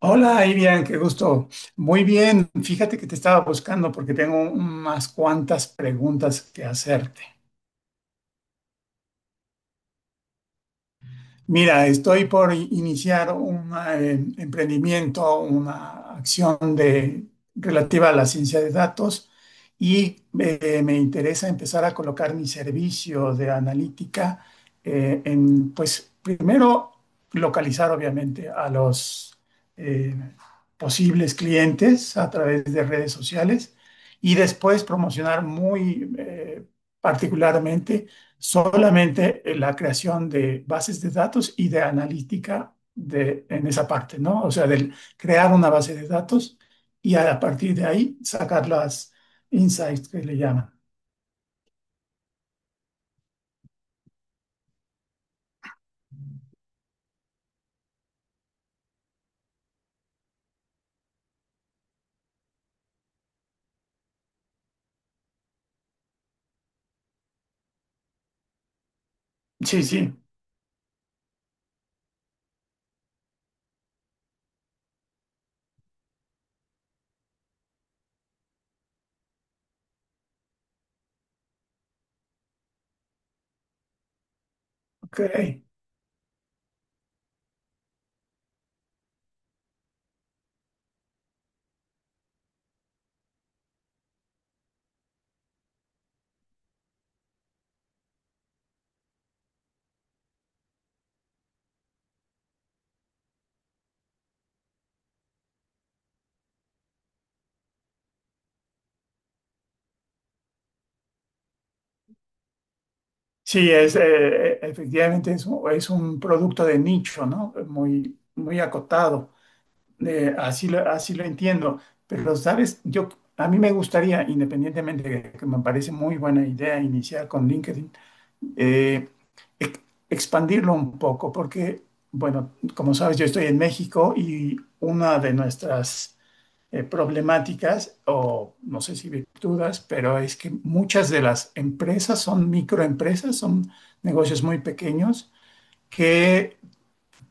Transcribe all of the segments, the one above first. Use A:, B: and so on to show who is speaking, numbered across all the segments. A: Hola, Irian, qué gusto. Muy bien, fíjate que te estaba buscando porque tengo unas cuantas preguntas que hacerte. Mira, estoy por iniciar un emprendimiento, una acción de, relativa a la ciencia de datos y me interesa empezar a colocar mi servicio de analítica en, pues, primero localizar obviamente a los eh, posibles clientes a través de redes sociales y después promocionar muy particularmente solamente la creación de bases de datos y de analítica de, en esa parte, ¿no? O sea, del crear una base de datos y a partir de ahí sacar las insights que le llaman. Sí, sí, ok. Sí, es, efectivamente es, es un producto de nicho, ¿no? Muy, muy acotado. Así lo entiendo. Pero, ¿sabes? Yo, a mí me gustaría, independientemente de que me parece muy buena idea iniciar con LinkedIn, eh, ex- expandirlo un poco, porque, bueno, como sabes, yo estoy en México y una de nuestras problemáticas, o no sé si virtudes, pero es que muchas de las empresas son microempresas, son negocios muy pequeños que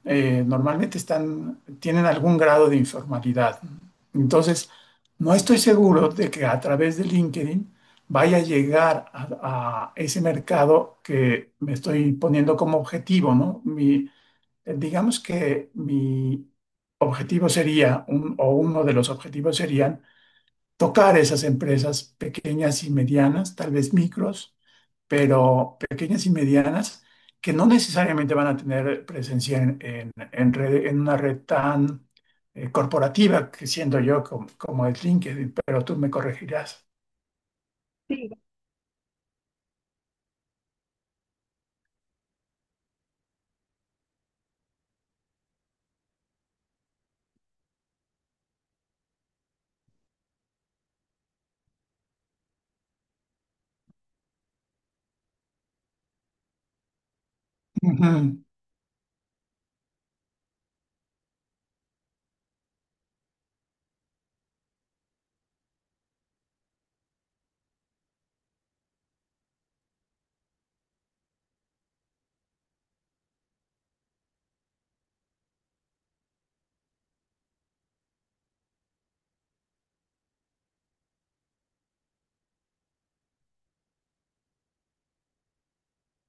A: normalmente están, tienen algún grado de informalidad. Entonces, no estoy seguro de que a través de LinkedIn vaya a llegar a ese mercado que me estoy poniendo como objetivo, ¿no? Mi, digamos que mi objetivo sería, o uno de los objetivos serían, tocar esas empresas pequeñas y medianas, tal vez micros pero pequeñas y medianas que no necesariamente van a tener presencia en, en una red tan corporativa que siendo yo como, como es LinkedIn, pero tú me corregirás. Sí, ujú,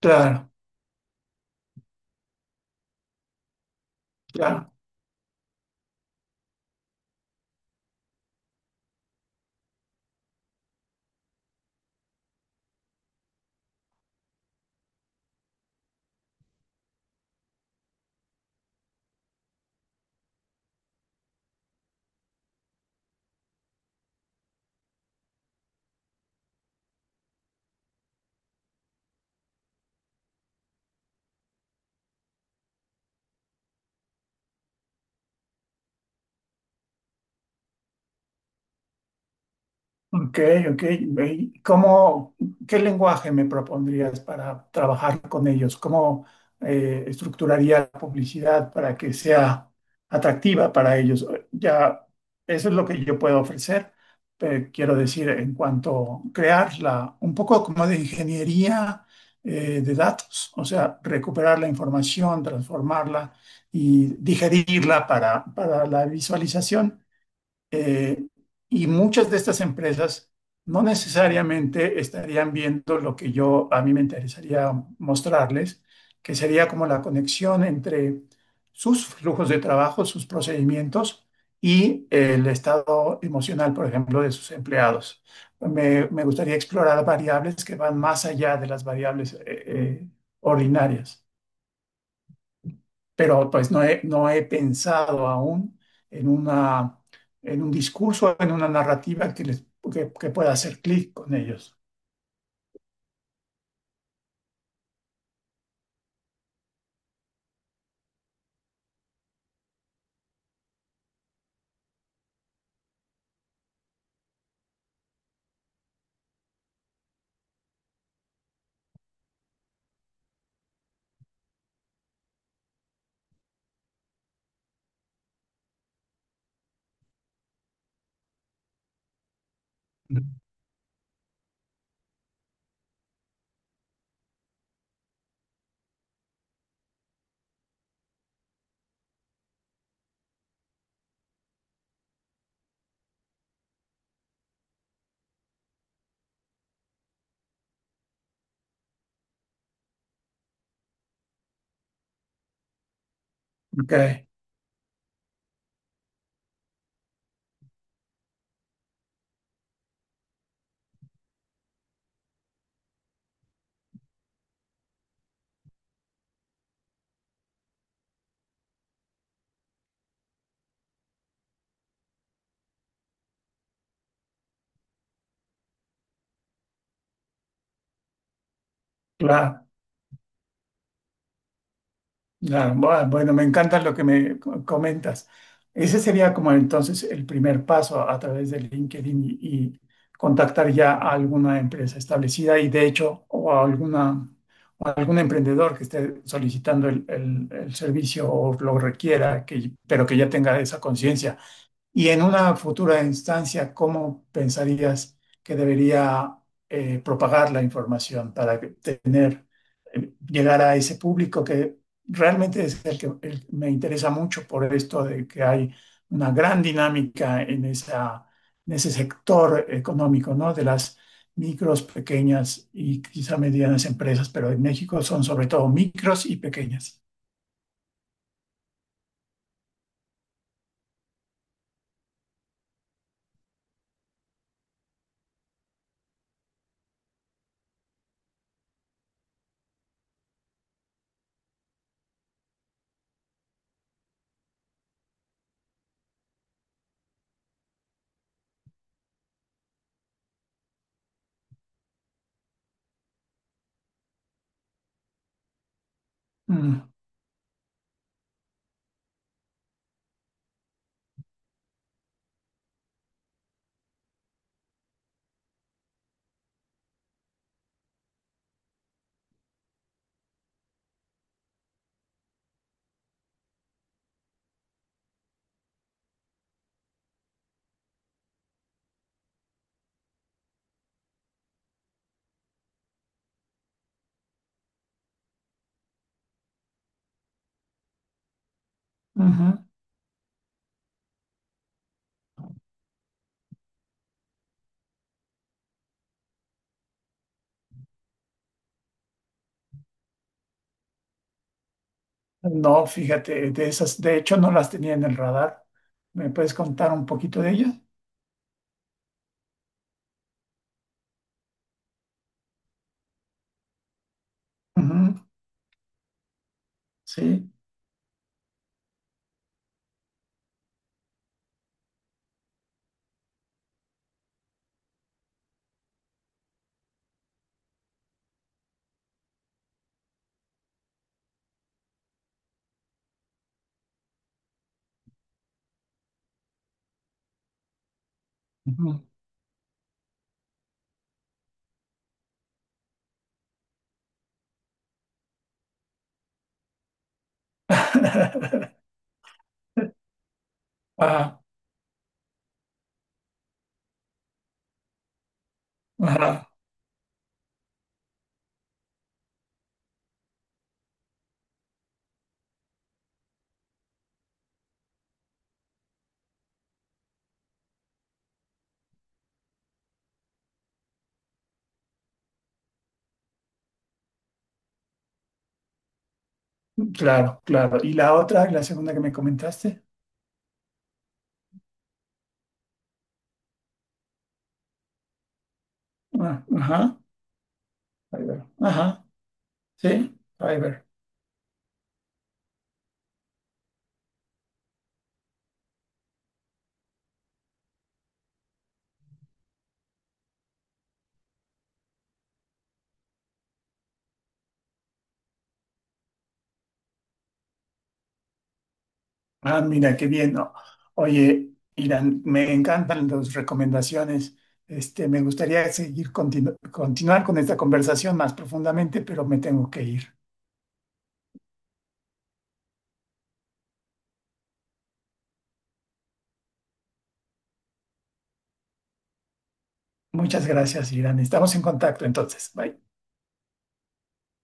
A: claro, sí, claro. Ok, ok. ¿Y ¿cómo, qué lenguaje me propondrías para trabajar con ellos? ¿Cómo estructuraría la publicidad para que sea atractiva para ellos? Ya, eso es lo que yo puedo ofrecer. Pero quiero decir, en cuanto a crearla, un poco como de ingeniería de datos, o sea, recuperar la información, transformarla y digerirla para la visualización, eh, y muchas de estas empresas no necesariamente estarían viendo lo que yo a mí me interesaría mostrarles, que sería como la conexión entre sus flujos de trabajo, sus procedimientos y el estado emocional, por ejemplo, de sus empleados. Me gustaría explorar variables que van más allá de las variables ordinarias pero pues no he pensado aún en una, en un discurso, en una narrativa que, les, que pueda hacer clic con ellos. Ok, claro, claro. Bueno, me encanta lo que me comentas. Ese sería como entonces el primer paso a través de LinkedIn y contactar ya a alguna empresa establecida y de hecho o a alguna, o a algún emprendedor que esté solicitando el, el servicio o lo requiera, que, pero que ya tenga esa conciencia. Y en una futura instancia, ¿cómo pensarías que debería propagar la información para que- tener, llegar a ese público que realmente es el que me interesa mucho por esto de que hay una gran dinámica en esa, en ese sector económico, ¿no? De las micros, pequeñas y quizá medianas empresas, pero en México son sobre todo micros y pequeñas. Mm, ujú. No, fíjate, de esas, de hecho no las tenía en el radar. ¿Me puedes contar un poquito de ellas? Ujú, sí, ujú. Ajá, ajá, claro, claro. ¿Y la otra, la segunda que me comentaste? Ah, ajá, Fiverr. Ajá, sí, Fiverr. Ah, mira, qué bien, ¿no? Oye, Irán, me encantan las recomendaciones. Este, me gustaría seguir continuar con esta conversación más profundamente, pero me tengo que ir. Muchas gracias, Irán. Estamos en contacto entonces. Bye.